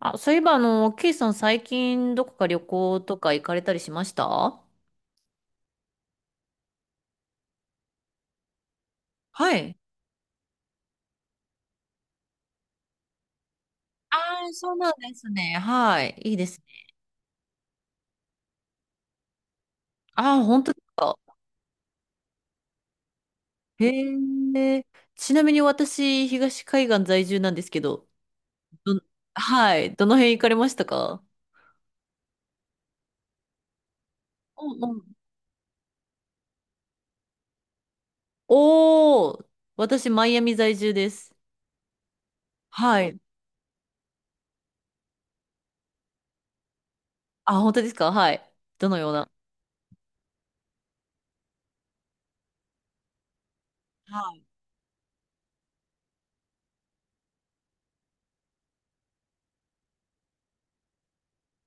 あ、そういえば、ケイさん最近どこか旅行とか行かれたりしましたあ。はい。ああ、そうなんですね。はい。いいですね。ああ、本当ですか。へえ。ちなみに私、東海岸在住なんですけど、ど、はい、どの辺行かれましたか？うんうん。おおー、私、マイアミ在住です。はい。あ、本当ですか？はい。どのような？はい。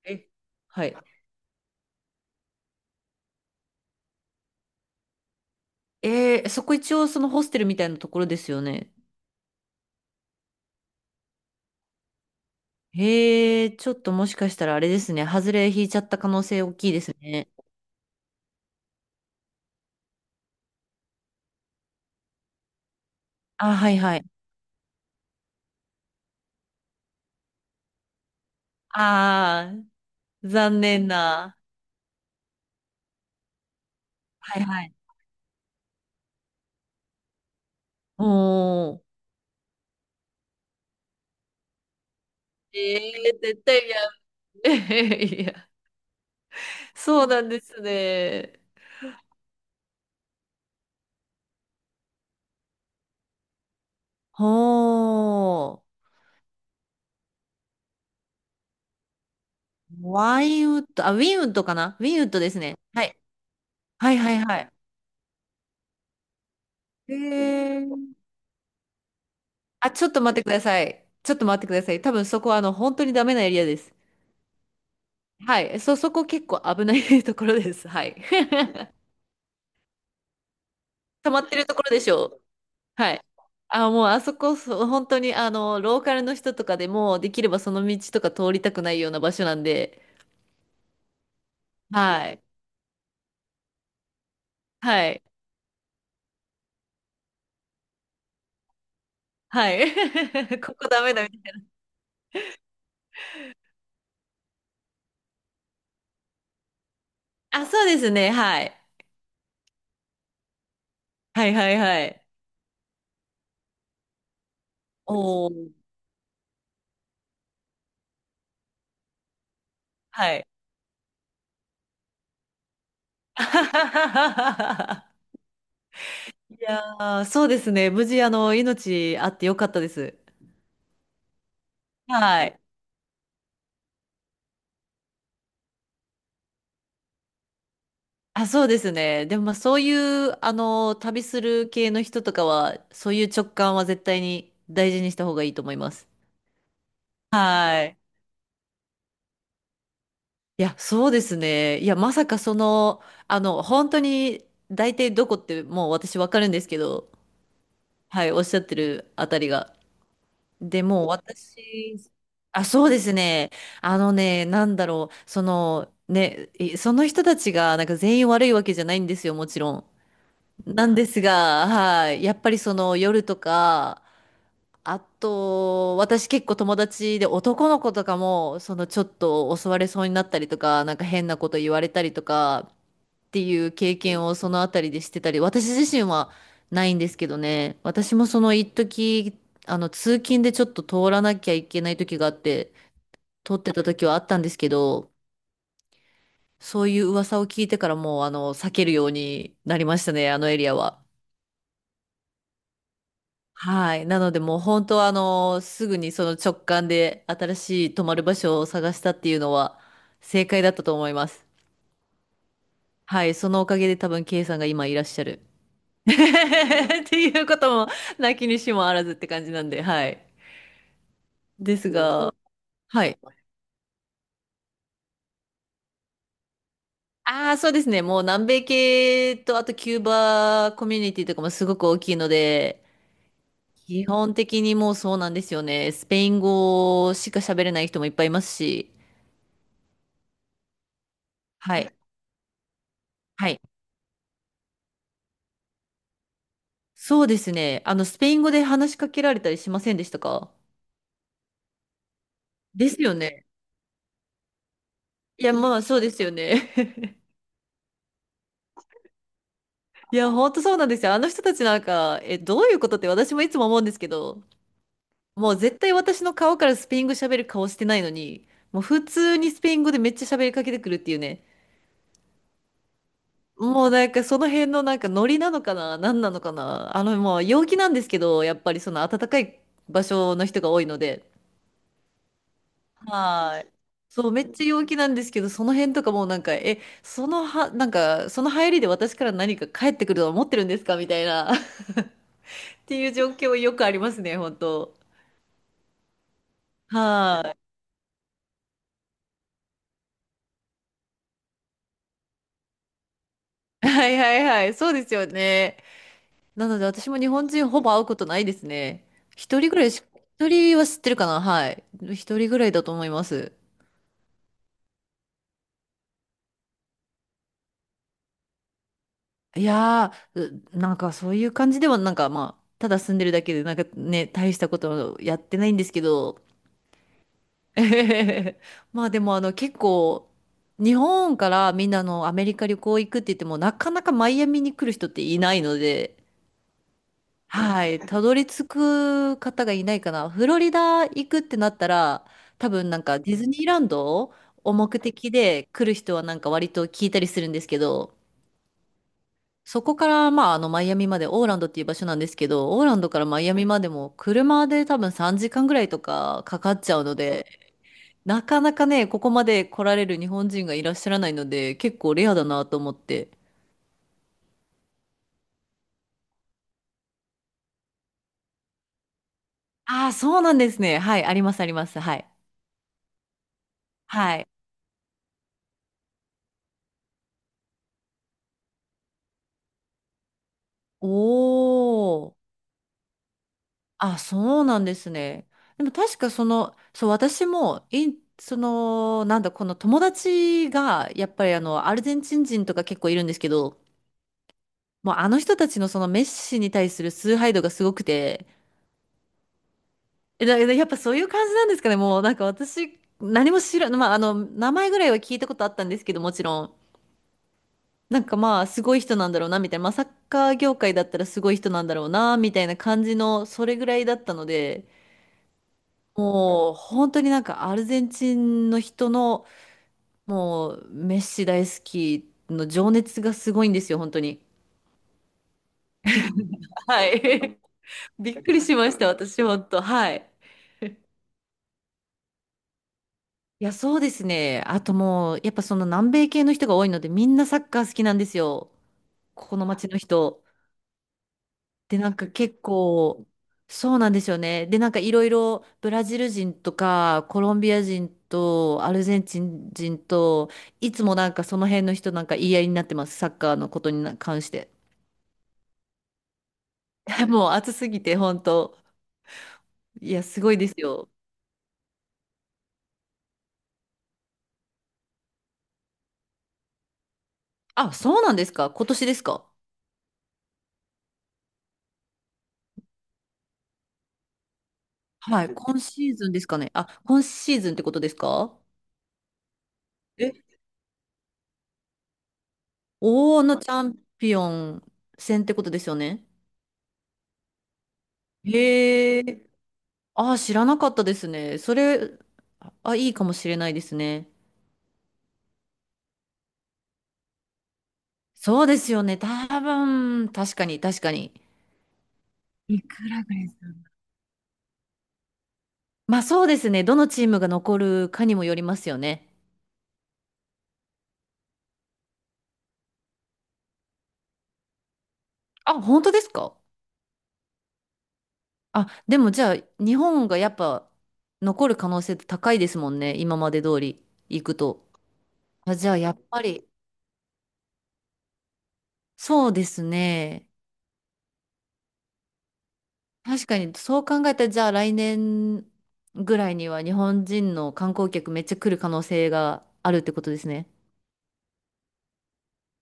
え、はい。えー、そこ一応そのホステルみたいなところですよね。へえ、ちょっともしかしたらあれですね。外れ引いちゃった可能性大きいですね。あ、はいはい。ああ、残念な。はいはい。おー。ええ、絶対やん。いや、そうなんですね。ほー。ワインウッド、あ、ウィンウッドかな？ウィンウッドですね。はい。はいはいはい。へえ。あ、ちょっと待ってください。ちょっと待ってください。多分そこは本当にダメなエリアです。はい。そこ結構危ない ところです。はい。溜まってるところでしょう。はい。あ、もうあそこ、そう本当にあの、ローカルの人とかでも、できればその道とか通りたくないような場所なんで、はい。はい。はい。ここダメだ。あ、そうですね。はい。はいはいはい。おー。はい。いやー、そうですね。無事、あの、命あってよかったです。はい。あ、そうですね。でも、まあ、そういう、あの、旅する系の人とかは、そういう直感は絶対に大事にした方がいいと思います。はい。いや、そうですね。いや、まさかその、あの、本当に、大体どこってもう私わかるんですけど、はい、おっしゃってるあたりが。で、もう私、あ、そうですね。あのね、なんだろう、その、ね、その人たちが、なんか全員悪いわけじゃないんですよ、もちろん。なんですが、はい。やっぱりその夜とか、あと、私結構友達で男の子とかも、そのちょっと襲われそうになったりとか、なんか変なこと言われたりとかっていう経験をそのあたりでしてたり、私自身はないんですけどね。私もその一時、あの通勤でちょっと通らなきゃいけない時があって、通ってた時はあったんですけど、そういう噂を聞いてからもうあの避けるようになりましたね、あのエリアは。はい。なので、もう本当はあの、すぐにその直感で新しい泊まる場所を探したっていうのは正解だったと思います。はい。そのおかげで多分、K さんが今いらっしゃる。っていうことも、なきにしもあらずって感じなんで、はい。ですが、はい。ああ、そうですね。もう南米系と、あとキューバコミュニティとかもすごく大きいので、基本的にもうそうなんですよね。スペイン語しか喋れない人もいっぱいいますし、はい。はい、そうですね。あの、スペイン語で話しかけられたりしませんでしたか？ですよね。いや、まあ、そうですよね。いや、ほんとそうなんですよ。あの人たちなんか、え、どういうことって私もいつも思うんですけど、もう絶対私の顔からスペイン語喋る顔してないのに、もう普通にスペイン語でめっちゃ喋りかけてくるっていうね。もうなんかその辺のなんかノリなのかな、何なのかな。あの、もう陽気なんですけど、やっぱりその暖かい場所の人が多いので。はい。そう、めっちゃ陽気なんですけど、その辺とかもうなんか、え、そのは、なんか、その入りで私から何か返ってくると思ってるんですかみたいな、っていう状況よくありますね、本当。はい。はいはいはい。そうですよね。なので私も日本人ほぼ会うことないですね。一人ぐらいし、一人は知ってるかな、はい。一人ぐらいだと思います。いやー、う、なんかそういう感じでは、なんかまあ、ただ住んでるだけで、なんかね、大したことやってないんですけど、えへへへ。まあでもあの結構日本からみんなあのアメリカ旅行行くって言ってもなかなかマイアミに来る人っていないので、はい、たどり着く方がいないかな。フロリダ行くってなったら多分なんかディズニーランドを目的で来る人はなんか割と聞いたりするんですけど、そこからまああのマイアミまで、オーランドっていう場所なんですけど、オーランドからマイアミまでも車で多分3時間ぐらいとかかかっちゃうので、なかなかね、ここまで来られる日本人がいらっしゃらないので、結構レアだなと思って。ああ、そうなんですね。はい、あります、あります。はい。はい。おー。あ、そうなんですね。でも確かその、そう、私も、インその、なんだ、この友達が、やっぱりあの、アルゼンチン人とか結構いるんですけど、もうあの人たちのそのメッシに対する崇拝度がすごくて、だやっぱそういう感じなんですかね。もうなんか私、何も知らん、まあ、あの、名前ぐらいは聞いたことあったんですけど、もちろん。なんかまあ、すごい人なんだろうな、みたいな。まあ、サッカー業界だったらすごい人なんだろうな、みたいな感じの、それぐらいだったので、もう、本当になんかアルゼンチンの人の、もう、メッシ大好きの情熱がすごいんですよ、本当に。はい。びっくりしました、私、本当。はい。いや、そうですね。あともう、やっぱその南米系の人が多いので、みんなサッカー好きなんですよ。ここの街の人。で、なんか結構、そうなんですよね。で、なんかいろいろブラジル人とか、コロンビア人と、アルゼンチン人と、いつもなんかその辺の人なんか言い合いになってます。サッカーのことに関して。もう暑すぎて、本当。いや、すごいですよ。あ、そうなんですか？今年ですか？はい。今シーズンですかね。あ、今シーズンってことですか？え、大のチャンピオン戦ってことですよね。へえ。ああ、知らなかったですね。それ、あ、いいかもしれないですね。そうですよね。多分、確かに、確かに。いくらぐらいですか？まあそうですね。どのチームが残るかにもよりますよね。あ、本当ですか？あ、でもじゃあ、日本がやっぱ残る可能性高いですもんね。今まで通り行くと。あ、じゃあ、やっぱり、そうですね。確かに、そう考えたら、じゃあ来年ぐらいには日本人の観光客めっちゃ来る可能性があるってことですね。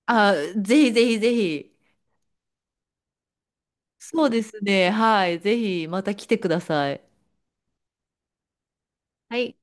あ、ぜひぜひぜひ。そうですね。はい。ぜひまた来てください。はい。